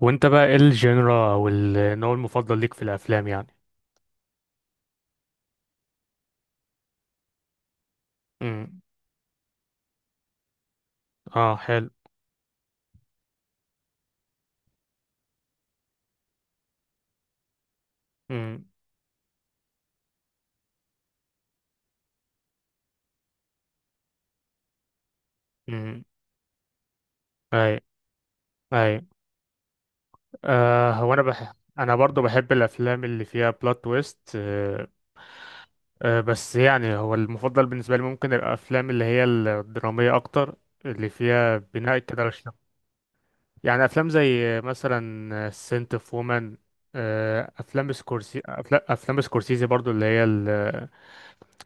وانت بقى ايه الجينرا او النوع المفضل ليك في الافلام يعني؟ امم. اه، حلو. امم. امم. اي. اي. آه، انا برضو بحب الافلام اللي فيها بلوت تويست، آه. آه، بس يعني هو المفضل بالنسبه لي ممكن الافلام اللي هي الدراميه اكتر، اللي فيها بناء كده على الشخص. يعني افلام زي مثلا سنت اوف وومن، افلام سكورسي، افلام سكورسيزي برضو،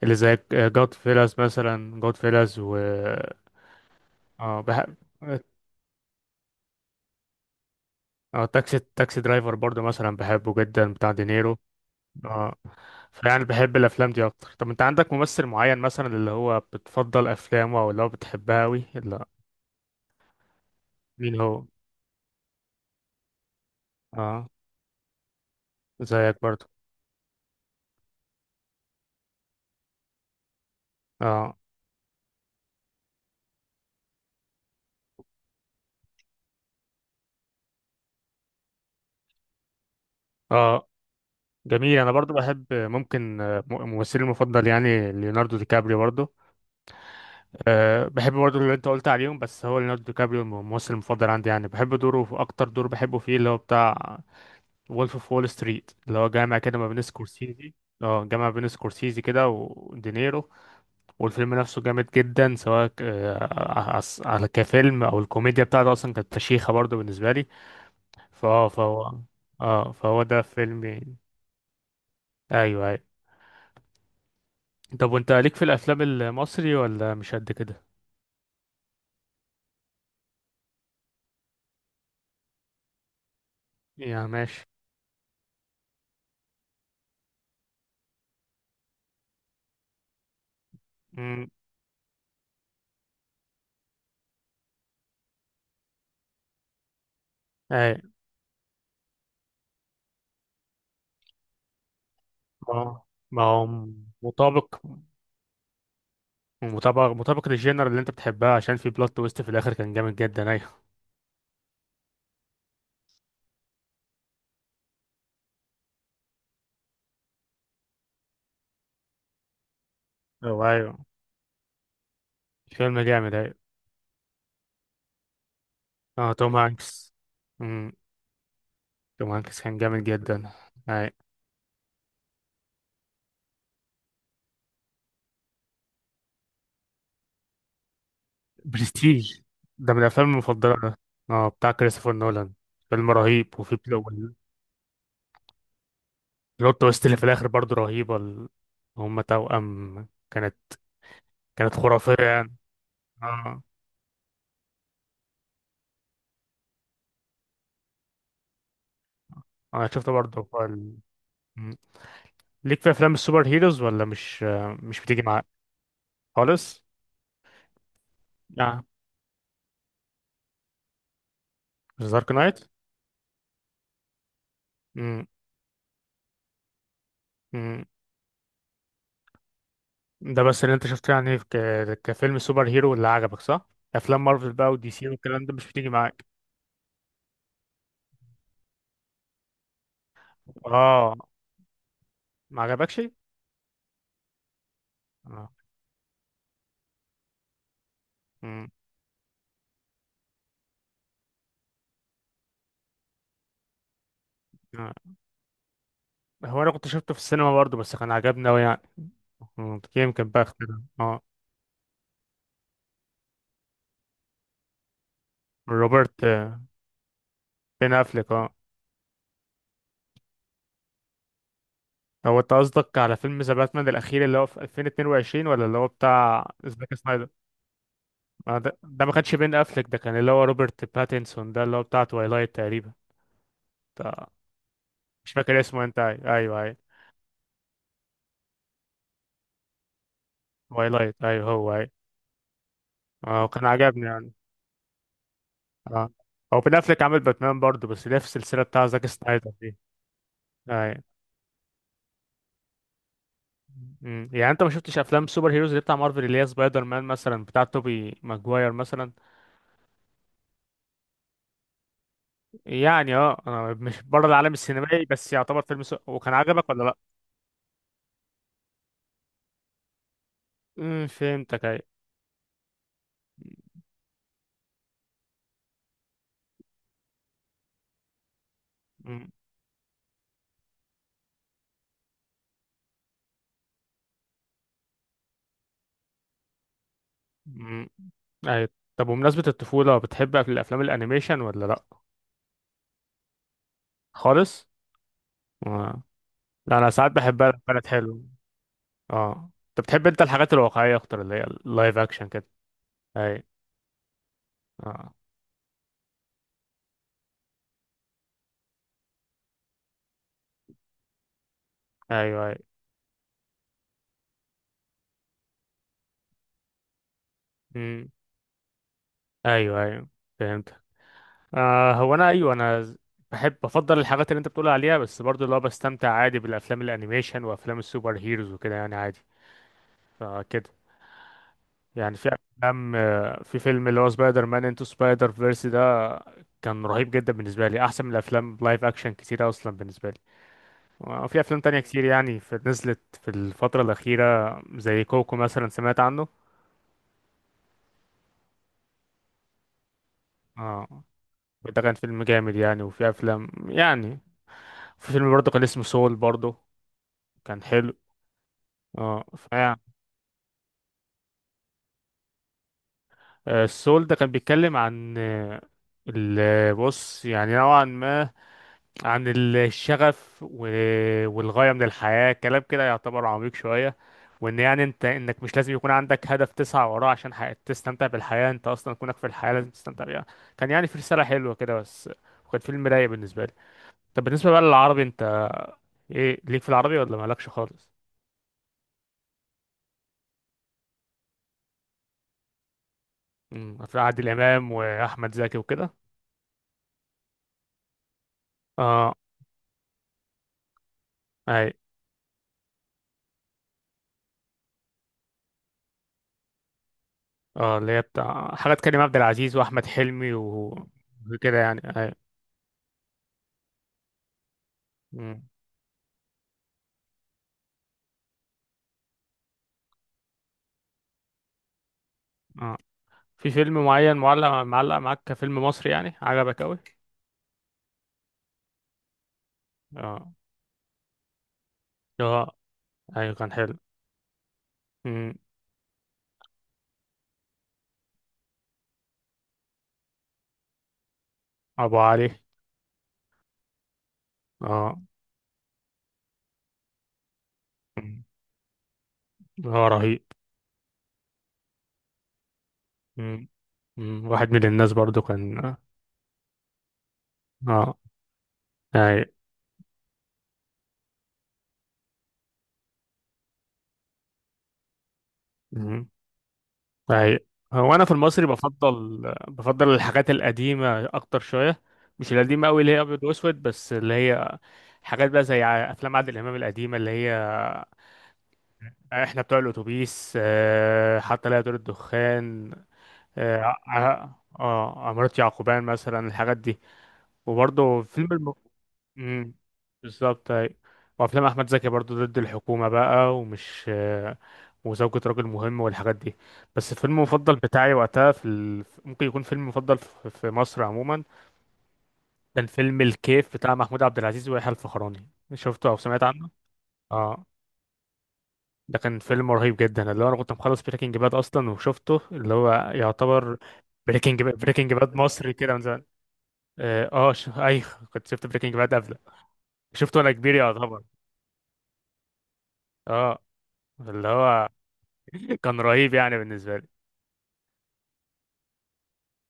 اللي زي جود فيلاز مثلا، جود فيلاز و اه بحب. اه، تاكسي درايفر برضو مثلا بحبه جدا، بتاع دينيرو. اه. فيعني بحب الافلام دي اكتر. طب انت عندك ممثل معين مثلا اللي هو بتفضل افلامه او اللي هو بتحبها اوي؟ لا، مين هو؟ اه، زيك برضو. اه. اه، جميل. انا برضو بحب ممكن، ممثلي المفضل يعني ليوناردو دي كابريو برضو. أه، بحب برضو اللي انت قلت عليهم، بس هو ليوناردو دي كابريو الممثل المفضل عندي يعني. بحب دوره، اكتر دور بحبه فيه اللي هو بتاع وولف اوف وول ستريت، اللي هو جامع كده ما بين سكورسيزي. اه، جامع بين سكورسيزي كده ودينيرو. والفيلم نفسه جامد جدا، سواء على كفيلم او الكوميديا بتاعته اصلا كانت فشيخه برضه بالنسبه لي. فهو اه، فهو ده فيلم يعني. ايوه، ايوه. طب وانت ليك في الافلام المصري ولا مش قد كده؟ يا ماشي. امم. اي. ما هو ما هو مطابق، مطابق للجينر اللي انت بتحبها، عشان في بلوت تويست في الاخر كان جامد جدا. ايوه. ايوه، ايوه. فيلم جامد، ايوه. اه، توم هانكس. امم. توم هانكس كان جامد جدا. اي. برستيج، ده من الافلام المفضله ده. اه، بتاع كريستوفر نولان. فيلم رهيب، بلوت تويست اللي في الاخر برضه رهيبه. هم توأم كانت، كانت خرافيه يعني. اه. اه، انا شفته برضه في مم. ليك في افلام السوبر هيروز ولا مش بتيجي معاك؟ خالص. اه، دارك نايت. ده بس اللي انت شفته يعني كفيلم سوبر هيرو اللي عجبك، صح؟ افلام مارفل بقى ودي سي والكلام ده مش بتيجي معاك؟ اه. ما عجبكش؟ اه. مم. آه. هو انا كنت شفته في السينما برضه، بس كان عجبني اوي يعني. مم. يمكن بقى اختلف. اه. روبرت، بين افليك، اه. هو انت قصدك على فيلم ذا باتمان الاخير اللي هو في 2022 ولا اللي هو بتاع زاك سنايدر؟ آه ده ما كانش بين افليك، ده كان اللي هو روبرت باتنسون، ده اللي هو بتاع تويلايت تقريبا، بتاع- مش فاكر اسمه انت، ايوه ايوه ايوه. وايلايت، ايوه، هو ايوه. اه كان عجبني يعني. اه، هو بين افلك عامل باتمان برضه، بس ليه في السلسله بتاع زاك سنايدر دي. اي. مم. يعني انت ما شفتش افلام سوبر هيروز اللي بتاع مارفل اللي هي سبايدر مان مثلا بتاع توبي ماجواير مثلا؟ يعني اه، انا مش بره العالم السينمائي، بس يعتبر فيلم وكان عجبك ولا لا؟ مم، فهمتك. اي. مم. مم. اي. طب، وبمناسبة الطفولة، بتحب الافلام الانيميشن ولا لا؟ خالص. آه. لا، انا ساعات بحبها لما كانت حلوه. اه، انت بتحب انت الحاجات الواقعية اكتر، اللي هي اللايف اكشن كده. اي. اه. ايوه. اي. امم. ايوه، ايوه. فهمت. آه، هو انا ايوه انا ز- بفضل الحاجات اللي انت بتقول عليها، بس برضه اللي هو بستمتع عادي بالافلام الانيميشن وافلام السوبر هيروز وكده يعني، عادي. فكده، يعني في افلام في فيلم اللي هو سبايدر مان انتو سبايدر فيرس ده، كان رهيب جدا بالنسبه لي، احسن من الافلام لايف اكشن كتير اصلا بالنسبه لي. وفي افلام تانية كتير يعني في، نزلت في الفتره الاخيره، زي كوكو مثلا، سمعت عنه؟ اه، ده كان فيلم جامد يعني. وفي افلام يعني، في فيلم برضه كان اسمه سول برضه، كان حلو. اه السول ده كان بيتكلم عن، بص يعني نوعا ما عن الشغف والغاية من الحياة، كلام كده يعتبر عميق شوية. وان يعني انت، انك مش لازم يكون عندك هدف تسعى وراه عشان تستمتع بالحياة، انت اصلا كونك في الحياة لازم تستمتع بيها. كان يعني في رسالة حلوة كده بس، وكان فيلم رايق بالنسبة لي. طب بالنسبة بقى للعربي انت، ايه ليك في العربي ولا مالكش خالص؟ امم. هتلاقي عادل امام واحمد زكي وكده. اه. اي. اه، اللي هي بتاع حاجات كريم عبد العزيز واحمد حلمي وكده يعني. اي. امم. اه، في فيلم معين معلق معاك كفيلم مصري يعني عجبك اوي؟ اه، اه. ايوه، كان حلو. امم. ابو علي. اه. امم. هو رهيب. امم. امم. واحد من الناس برضو، كان اه. اي. أي. هو أنا في المصري بفضل الحاجات القديمة أكتر شوية، مش القديمة أوي اللي هي أبيض وأسود، بس اللي هي حاجات بقى زي أفلام عادل إمام القديمة اللي هي، إحنا بتوع الأتوبيس، حتى لا يطير الدخان، آه ع- عمارة يعقوبيان مثلا، الحاجات دي. وبرضه امم. بالظبط، أيوة. وافلام احمد زكي برضو، ضد الحكومه بقى، ومش، وزوجة راجل مهم والحاجات دي. بس الفيلم المفضل بتاعي وقتها في ممكن يكون فيلم مفضل في مصر عموما، كان فيلم الكيف بتاع محمود عبد العزيز ويحيى الفخراني. شفته او سمعت عنه؟ اه. ده كان فيلم رهيب جدا، اللي هو انا كنت مخلص بريكنج باد اصلا وشفته، اللي هو يعتبر بريكنج باد، بريكنج باد مصري كده من زمان. اه، ايوه، كنت شفت بريكنج باد قبله، شفته وانا كبير يعتبر. اه. اللي هو كان رهيب يعني بالنسبه لي.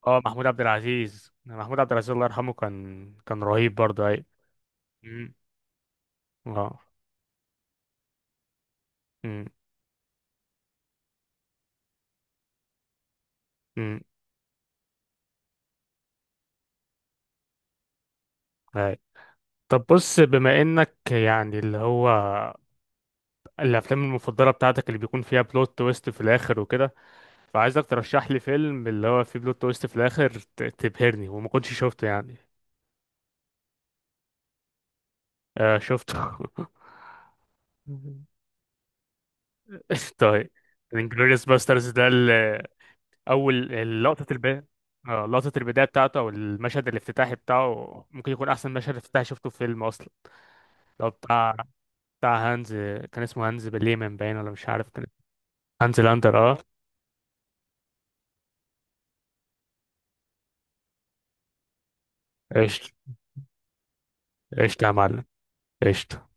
اه، محمود عبد العزيز، محمود عبد العزيز الله يرحمه، كان رهيب برضه. اي. مم. اه. مم. مم. اي. طب بص، بما انك يعني اللي هو الافلام المفضله بتاعتك اللي بيكون فيها بلوت تويست في الاخر وكده، فعايزك ترشح لي فيلم اللي هو فيه بلوت تويست في الاخر تبهرني وما كنتش شفته يعني. آه شفته. طيب. الانجلوريوس باسترز ده، اول لقطه البدايه، اه، لقطه البدايه بتاعته او المشهد الافتتاحي بتاعه ممكن يكون احسن مشهد افتتاحي شفته في فيلم اصلا. لو بتاع، بتاع هانز، كان اسمه هانز بليمن باين ولا مش عارف كان. هانز لاندر، اه. قشطه. قشطه يا معلم. قشطه.